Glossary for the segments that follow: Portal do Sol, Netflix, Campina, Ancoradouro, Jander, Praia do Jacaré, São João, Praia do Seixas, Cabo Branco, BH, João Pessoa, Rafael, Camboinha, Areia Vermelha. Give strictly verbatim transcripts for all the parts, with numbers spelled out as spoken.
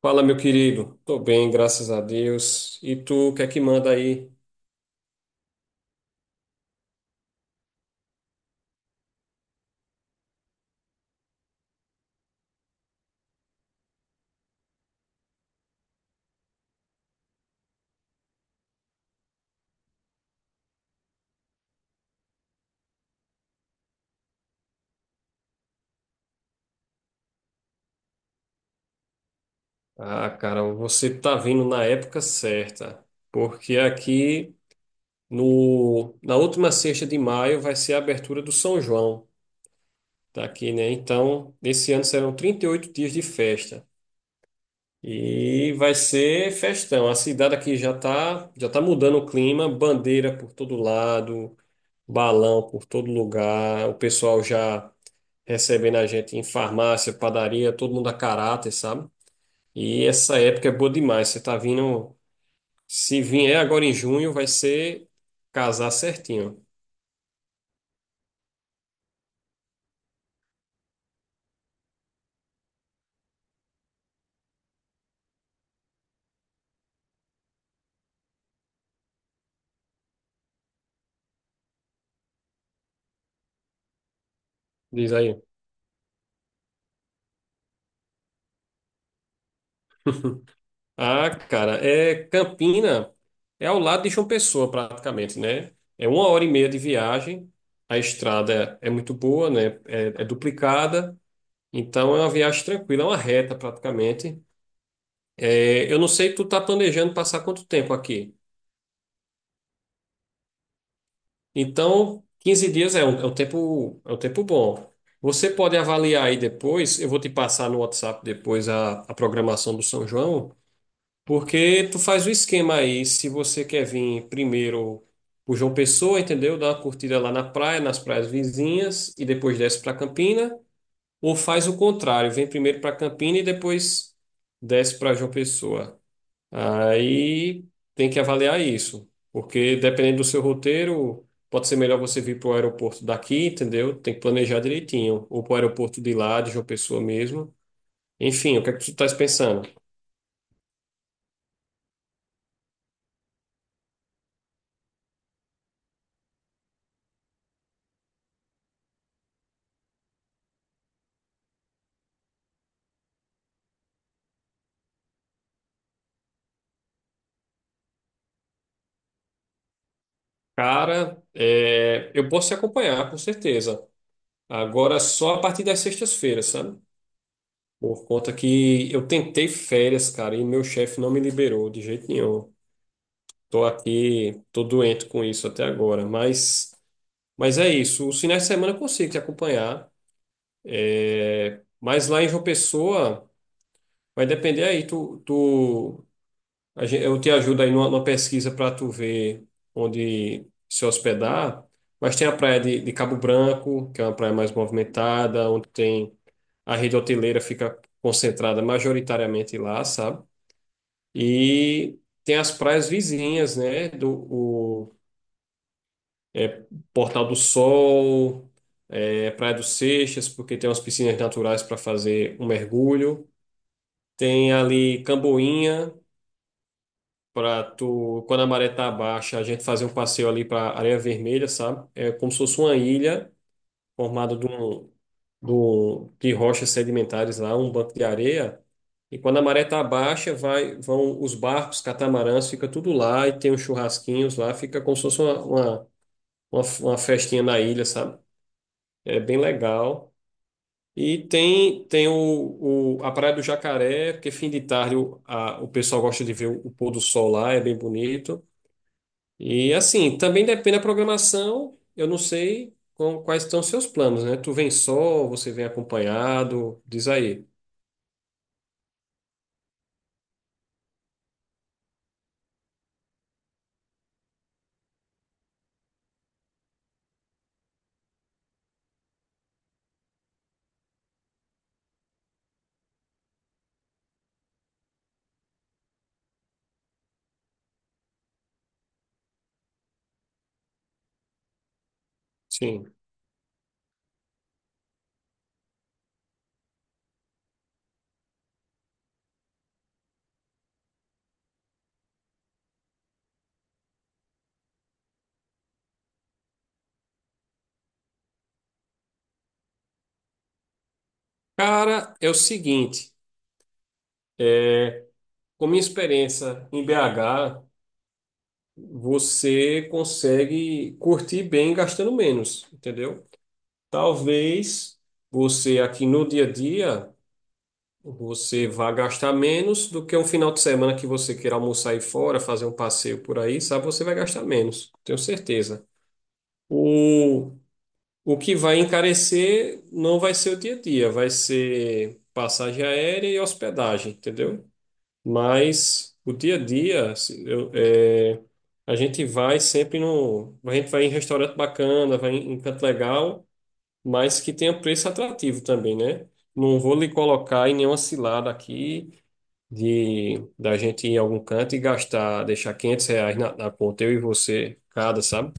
Fala, meu querido. Tô bem, graças a Deus. E tu, o que é que manda aí? Ah, cara, você tá vindo na época certa, porque aqui no, na última sexta de maio vai ser a abertura do São João daqui, né? Então, nesse ano serão trinta e oito dias de festa. E vai ser festão. A cidade aqui já tá, já tá mudando o clima, bandeira por todo lado, balão por todo lugar, o pessoal já recebendo a gente em farmácia, padaria, todo mundo a caráter, sabe? E essa época é boa demais. Você tá vindo. Se vier agora em junho, vai ser casar certinho. Diz aí. Ah, cara, é Campina, é ao lado de João Pessoa, praticamente, né? É uma hora e meia de viagem. A estrada é, é muito boa, né? É, é duplicada. Então é uma viagem tranquila, é uma reta praticamente. É, eu não sei, tu tá planejando passar quanto tempo aqui? Então, quinze dias é um, é um tempo, é um tempo bom. Você pode avaliar aí depois, eu vou te passar no WhatsApp depois a, a programação do São João, porque tu faz o esquema aí, se você quer vir primeiro por João Pessoa, entendeu? Dá uma curtida lá na praia, nas praias vizinhas, e depois desce para Campina, ou faz o contrário, vem primeiro para Campina e depois desce para João Pessoa. Aí tem que avaliar isso, porque dependendo do seu roteiro, pode ser melhor você vir para o aeroporto daqui, entendeu? Tem que planejar direitinho, ou para o aeroporto de lá, de João Pessoa mesmo. Enfim, o que é que tu estás pensando? Cara, é, eu posso te acompanhar, com certeza. Agora só a partir das sextas-feiras, sabe? Por conta que eu tentei férias, cara, e meu chefe não me liberou de jeito nenhum. Tô aqui, tô doente com isso até agora, mas. Mas é isso. Os finais de semana eu consigo te acompanhar. é Mas lá em João Pessoa, vai depender aí. Tu, tu, a gen- eu te ajudo aí numa, numa pesquisa para tu ver onde se hospedar. Mas tem a praia de, de Cabo Branco, que é uma praia mais movimentada, onde tem a rede hoteleira fica concentrada majoritariamente lá, sabe? E tem as praias vizinhas, né? Do, é, Portal do Sol, é, Praia do Seixas, porque tem umas piscinas naturais para fazer um mergulho. Tem ali Camboinha, para tu, quando a maré tá baixa, a gente fazer um passeio ali para Areia Vermelha, sabe? É como se fosse uma ilha formada de, um, do- de rochas sedimentares lá, um banco de areia. E quando a maré tá baixa, vai, vão os barcos, catamarãs, fica tudo lá e tem uns churrasquinhos lá, fica como se fosse uma, uma, uma uma festinha na ilha, sabe? É bem legal. E tem, tem o, o- a Praia do Jacaré, porque fim de tarde o, a- o pessoal gosta de ver o, o pôr do sol lá, é bem bonito. E assim, também depende da programação, eu não sei com- quais estão os seus planos, né? Tu vem só, você vem acompanhado, diz aí. Sim. Cara, é o seguinte, é, com minha experiência em B H, você consegue curtir bem gastando menos, entendeu? Talvez você aqui no dia a dia você vá gastar menos do que um final de semana que você queira almoçar aí fora, fazer um passeio por aí, sabe? Você vai gastar menos, tenho certeza. O, o que vai encarecer não vai ser o dia a dia, vai ser passagem aérea e hospedagem, entendeu? Mas o dia a dia, se- eu- é, a gente vai sempre no, a gente vai em restaurante bacana, vai em em canto legal mas que tenha preço atrativo também, né? Não vou lhe colocar em nenhuma cilada aqui de da gente ir em algum canto e gastar, deixar quinhentos reais na, na conta, eu e você, cada, sabe?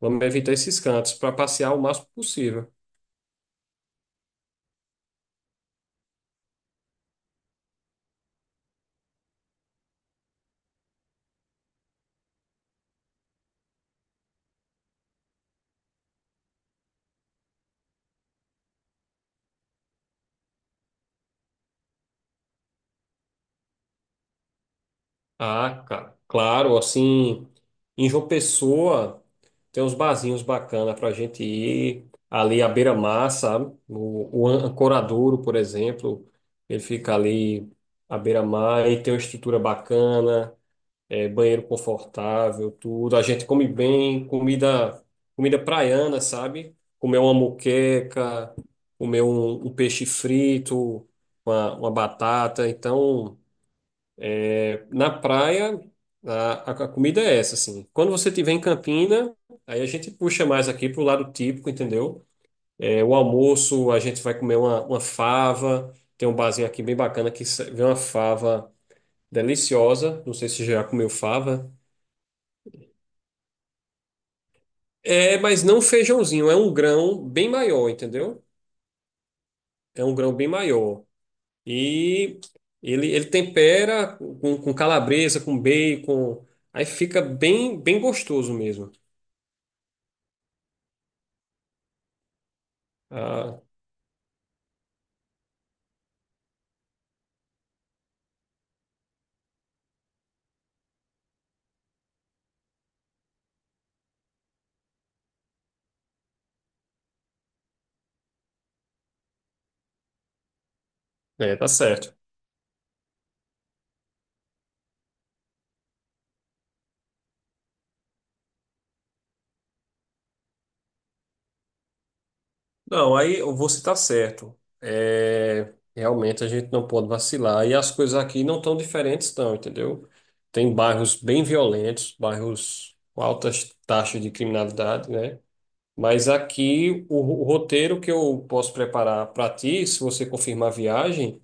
Vamos evitar esses cantos para passear o máximo possível. Ah, cara, claro, assim, em João Pessoa tem uns barzinhos bacanas para a gente ir ali à beira-mar, sabe? O, o Ancoradouro, por exemplo, ele fica ali à beira-mar e tem uma estrutura bacana. É, banheiro confortável, tudo. A gente come bem, comida, comida praiana, sabe? Comer uma moqueca, comer um, um peixe frito, uma, uma batata. Então, é, na praia, a, a a comida é essa, assim. Quando você estiver em Campina, aí a gente puxa mais aqui pro lado típico, entendeu? É, o almoço, a gente vai comer uma, uma fava. Tem um barzinho aqui bem bacana que sa- vem uma fava deliciosa. Não sei se já comeu fava. É, mas não feijãozinho, é um grão bem maior, entendeu? É um grão bem maior. E ele, ele tempera com, com calabresa, com bacon, aí fica bem, bem gostoso mesmo. Ah, é, tá certo. Não, aí você tá certo. É, realmente a gente não pode vacilar. E as coisas aqui não tão diferentes, não, entendeu? Tem bairros bem violentos, bairros com altas taxas de criminalidade, né? Mas aqui o, o roteiro que eu posso preparar para ti, se você confirmar a viagem,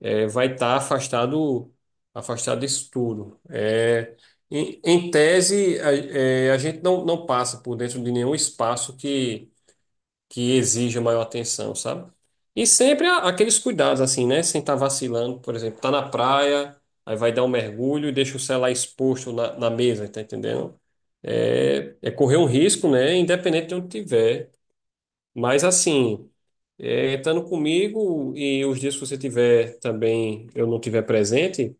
é, vai estar afastado, afastado disso tudo. É, em, em tese, a, é, a gente não, não passa por dentro de nenhum espaço que, que exija maior atenção, sabe? E sempre a- aqueles cuidados, assim, né? Sem estar vacilando, por exemplo, tá na praia, aí vai dar um mergulho e deixa o celular exposto na, na mesa, tá entendendo? É, é correr um risco, né? Independente de onde tiver. Mas assim, é, estando comigo e os dias que você tiver também, eu não tiver presente,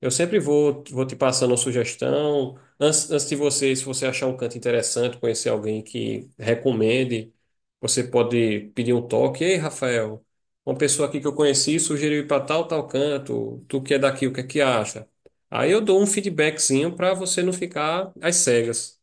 eu sempre vou, vou te passando uma sugestão. Antes, antes de você, se você achar um canto interessante, conhecer alguém que recomende, você pode pedir um toque. Ei, Rafael, uma pessoa aqui que eu conheci sugeriu ir para tal, tal canto. Tu que é daqui, o que é que acha? Aí eu dou um feedbackzinho para você não ficar às cegas.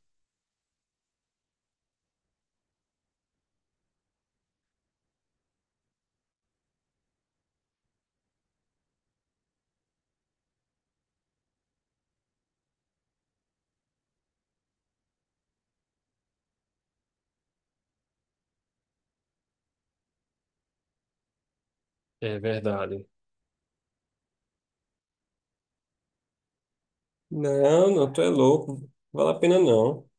É verdade. Não, não, tu é louco. Vale a pena não.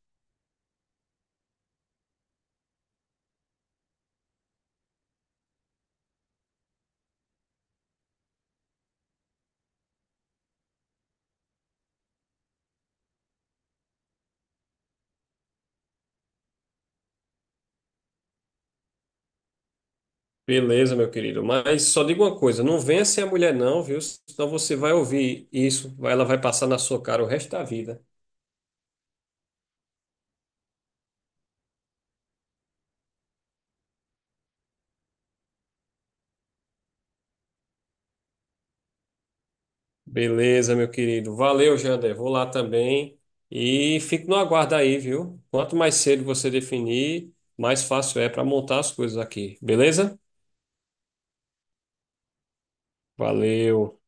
Beleza, meu querido. Mas só digo uma coisa, não venha ser a mulher não, viu? Senão você vai ouvir isso, ela vai passar na sua cara o resto da vida. Beleza, meu querido. Valeu, Jander. Vou lá também e fico no aguardo aí, viu? Quanto mais cedo você definir, mais fácil é para montar as coisas aqui. Beleza? Valeu.